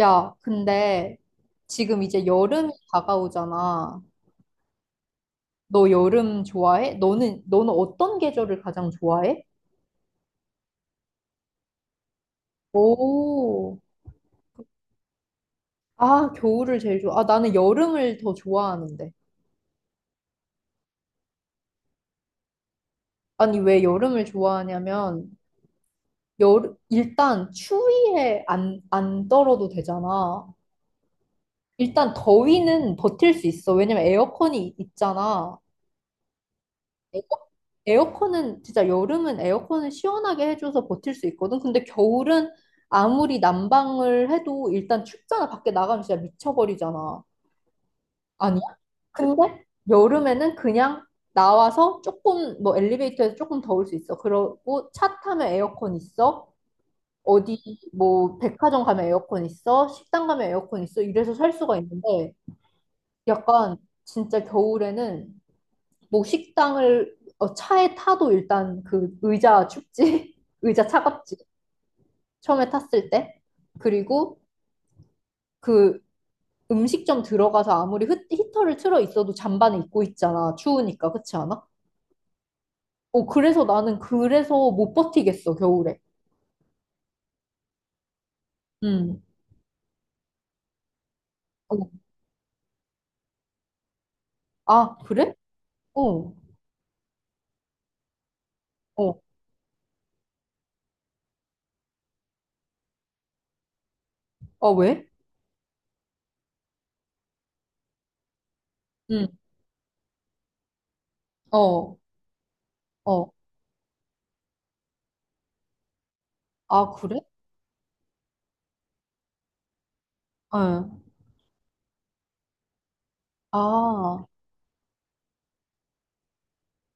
야, 근데 지금 이제 여름이 다가오잖아. 너 여름 좋아해? 너는 어떤 계절을 가장 좋아해? 오, 아, 겨울을 제일 좋아. 아, 나는 여름을 더 좋아하는데. 아니, 왜 여름을 좋아하냐면, 여름, 일단 추위에 안 떨어도 되잖아. 일단 더위는 버틸 수 있어. 왜냐면 에어컨이 있잖아. 에어- 에어컨은 진짜 여름은 에어컨을 시원하게 해줘서 버틸 수 있거든. 근데 겨울은 아무리 난방을 해도 일단 춥잖아. 밖에 나가면 진짜 미쳐버리잖아. 아니야? 근데 여름에는 그냥 나와서 조금 뭐 엘리베이터에서 조금 더울 수 있어. 그러고 차 타면 에어컨 있어. 어디 뭐 백화점 가면 에어컨 있어. 식당 가면 에어컨 있어. 이래서 살 수가 있는데 약간 진짜 겨울에는 뭐 식당을 어, 차에 타도 일단 그 의자 춥지? 의자 차갑지? 처음에 탔을 때. 그리고 그 음식점 들어가서 아무리 히터를 틀어 있어도 잠바는 입고 있잖아. 추우니까. 그렇지 않아? 어, 그래서 나는 그래서 못 버티겠어, 겨울에. 음. 어, 아, 그래? 어. 어. 아, 왜? 음. 어. 어. 아, 그래? 어. 아.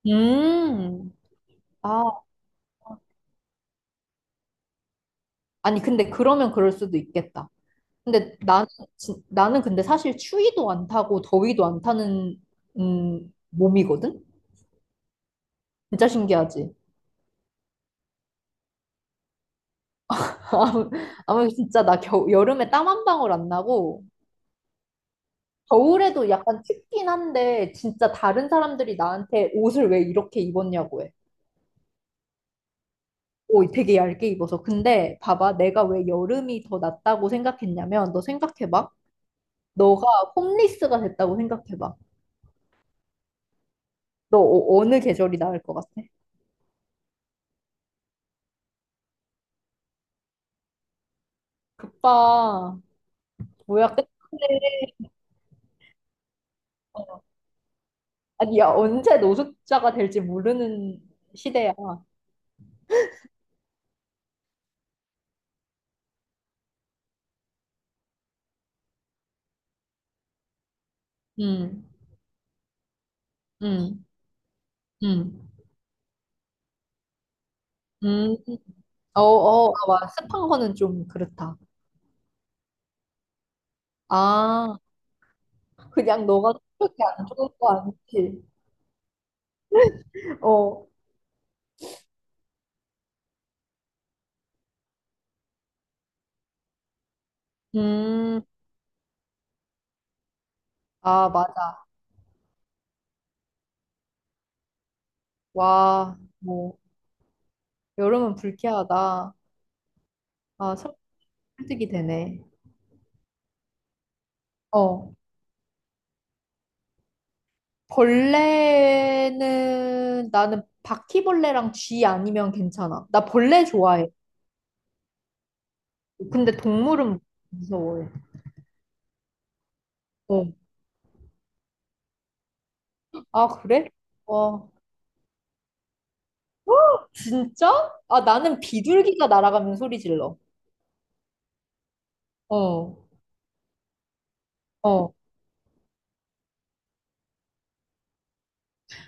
음. 아, 아니, 근데 그러면 그럴 수도 있겠다. 근데 나는 나는 근데 사실 추위도 안 타고 더위도 안 타는 몸이거든? 진짜 신기하지? 아무 아무 진짜 나 겨 여름에 땀 한 방울 안 나고 겨울에도 약간 춥긴 한데 진짜 다른 사람들이 나한테 옷을 왜 이렇게 입었냐고 해. 오, 되게 얇게 입어서. 근데 봐봐, 내가 왜 여름이 더 낫다고 생각했냐면 너 생각해봐. 너가 홈리스가 됐다고 생각해봐. 너 어, 느 계절이 나을 것 같아? 그빠 뭐야 끝내. 아니, 야, 언제 노숙자가 될지 모르는 시대야. 음, 음, 음, 음. 어, 어, 아, 와, 습한 거는 좀 그렇다. 아, 그냥 너가 그렇게 안 좋은 거 아니지? 어, 음, 아, 맞아. 와, 뭐, 여름은 불쾌하다. 아, 설- 설득이 되네. 어, 벌레는 나는 바퀴벌레랑 쥐 아니면 괜찮아. 나 벌레 좋아해. 근데 동물은 무서워해. 어. 아, 그래? 와, 진짜? 아, 나는 비둘기가 날아가면 소리 질러. 어, 어.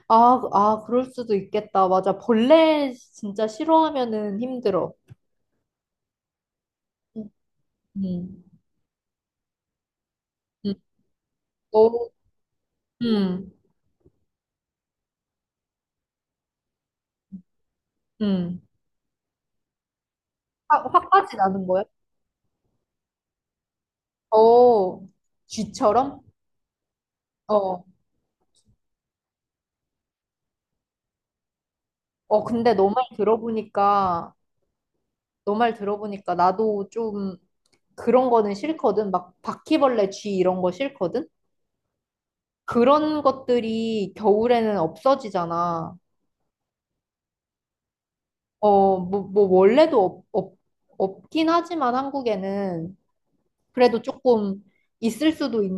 아, 아, 그럴 수도 있겠다. 맞아. 벌레 진짜 싫어하면은 힘들어. 음, 음, 음. 오, 음, 음. 화까지 나는 거야? 어, 쥐처럼? 어, 어, 근데 너 말 들어보니까, 너 말 들어보니까 나도 좀 그런 거는 싫거든. 막 바퀴벌레, 쥐 이런 거 싫거든. 그런 것들이 겨울에는 없어지잖아. 어, 뭐, 뭐 원래도 없긴 하지만 한국에는 그래도 조금 있을 수도 있,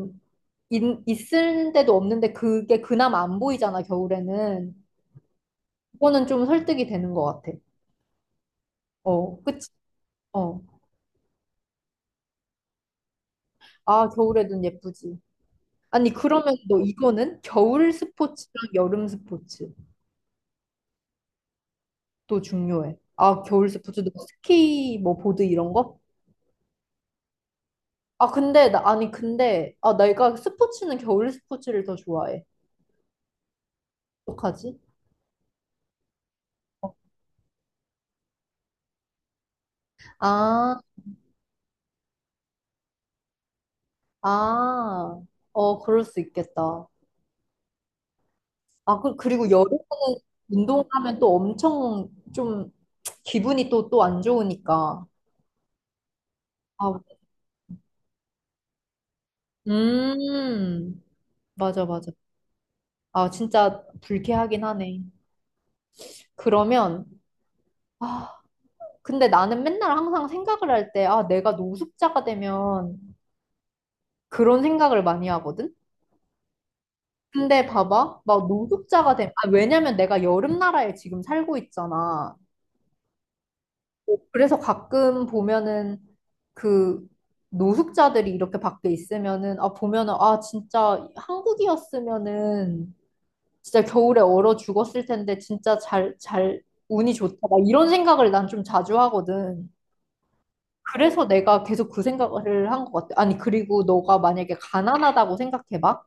있, 있을 데도 없는데 그게 그나마 안 보이잖아, 겨울에는. 그거는 좀 설득이 되는 것 같아. 어, 그치? 어. 아, 겨울에 눈 예쁘지. 아니, 그러면 너 이거는 겨울 스포츠랑 여름 스포츠도 중요해. 아, 겨울 스포츠, 너 스키, 뭐, 보드 이런 거? 아, 근데, 나, 아니, 근데, 아, 내가 스포츠는 겨울 스포츠를 더 좋아해. 어떡하지? 아, 아, 어, 그럴 수 있겠다. 아, 그, 그리고 여름에는 운동하면 또 엄청 좀 기분이 또 안 좋으니까. 아, 음, 맞아, 맞아. 아, 진짜 불쾌하긴 하네. 그러면, 아, 근데 나는 맨날 항상 생각을 할 때, 아, 내가 노숙자가 되면 그런 생각을 많이 하거든? 근데 봐봐, 막 노숙자가 된, 아, 왜냐면 내가 여름 나라에 지금 살고 있잖아. 어, 그래서 가끔 보면은 그 노숙자들이 이렇게 밖에 있으면은, 아, 보면은, 아, 진짜 한국이었으면은 진짜 겨울에 얼어 죽었을 텐데 진짜 운이 좋다. 막 이런 생각을 난 좀 자주 하거든. 그래서 내가 계속 그 생각을 한 것 같아. 아니, 그리고 너가 만약에 가난하다고 생각해봐.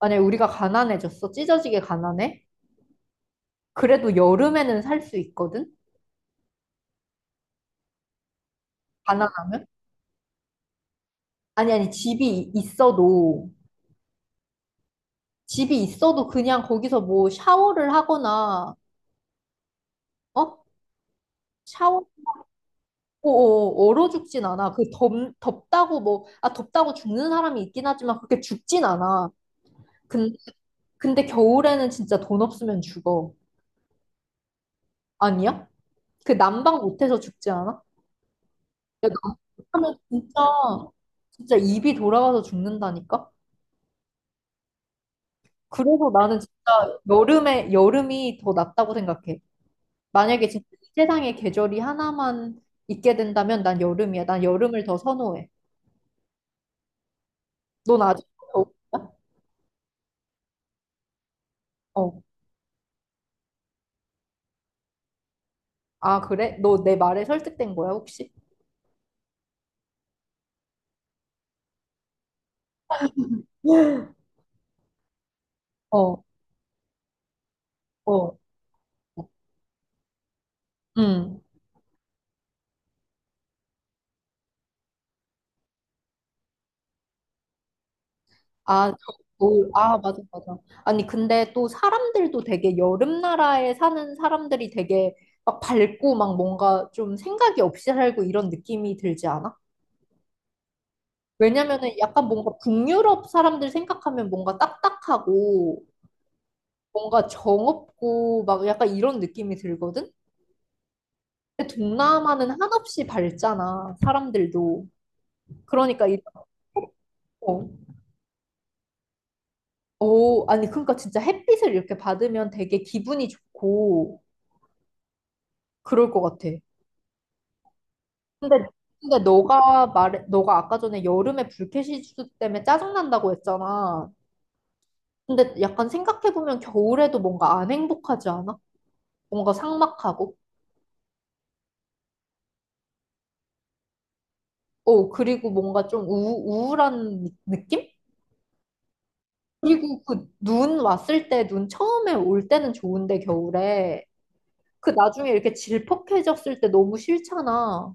만약에 우리가 가난해졌어. 찢어지게 가난해. 그래도 여름에는 살 수 있거든? 가난하면? 아니, 집이 있어도, 집이 있어도 그냥 거기서 뭐 샤워를 하거나, 어? 샤워, 어, 어, 얼어 죽진 않아. 덥다고 뭐, 아, 덥다고 죽는 사람이 있긴 하지만 그렇게 죽진 않아. 근, 근데 겨울에는 진짜 돈 없으면 죽어. 아니야? 그 난방 못해서 죽지 않아? 야, 난방하면 진짜, 진짜 입이 돌아가서 죽는다니까? 그래서 나는 진짜 여름에, 여름이 더 낫다고 생각해. 만약에 진짜 이 세상에 계절이 하나만 있게 된다면 난 여름이야. 난 여름을 더 선호해. 넌 아직, 어, 어. 아, 그래? 너 내 말에 설득된 거야, 혹시? 어, 어. 음. 아, 겨울. 아, 맞아, 맞아. 아니, 근데 또 사람들도 되게 여름 나라에 사는 사람들이 되게 막 밝고 막 뭔가 좀 생각이 없이 살고 이런 느낌이 들지 않아? 왜냐면은 약간 뭔가 북유럽 사람들 생각하면 뭔가 딱딱하고 뭔가 정 없고 막 약간 이런 느낌이 들거든? 근데 동남아는 한없이 밝잖아, 사람들도. 그러니까 이 어, 오, 아니 그러니까 진짜 햇빛을 이렇게 받으면 되게 기분이 좋고 그럴 것 같아. 근데 근데 너가 말해, 너가 아까 전에 여름에 불쾌 지수 때문에 짜증난다고 했잖아. 근데 약간 생각해보면 겨울에도 뭔가 안 행복하지 않아? 뭔가 삭막하고? 어, 그리고 뭔가 좀 우울한 낌 그리고 그 눈 왔을 때, 눈 처음에 올 때는 좋은데, 겨울에. 그 나중에 이렇게 질퍽해졌을 때 너무 싫잖아.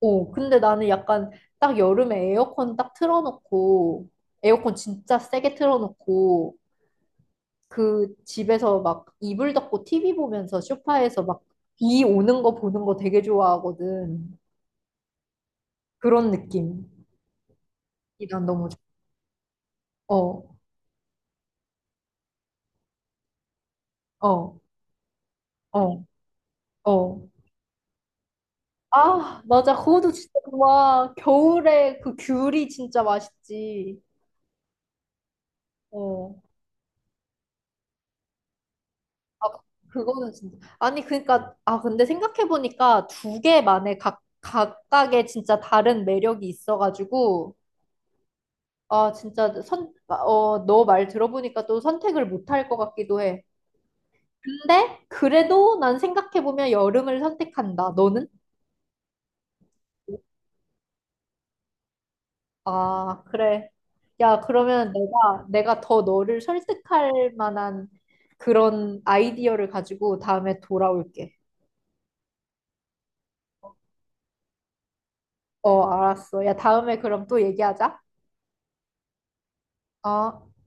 어, 근데 나는 약간 딱 여름에 에어컨 딱 틀어놓고, 에어컨 진짜 세게 틀어놓고, 그 집에서 막 이불 덮고 TV 보면서 소파에서 막 비 오는 거 보는 거 되게 좋아하거든. 그런 느낌이 난 너무 좋아. 어, 어, 어, 어. 아, 맞아. 그것도 진짜 좋아 겨울에 그 귤이 진짜 맛있지. 어. 아, 그거는 진짜. 아니, 그러니까 아, 근데 생각해 보니까 두 개만의 각 각각의 진짜 다른 매력이 있어 가지고 아, 진짜 선 어, 너 말 들어보니까 또 선택을 못할 것 같기도 해. 근데 그래도 난 생각해 보면 여름을 선택한다. 너는? 아, 그래. 야, 그러면 내가 더 너를 설득할 만한 그런 아이디어를 가지고 다음에 돌아올게. 어, 알았어. 야, 다음에 그럼 또 얘기하자. 어.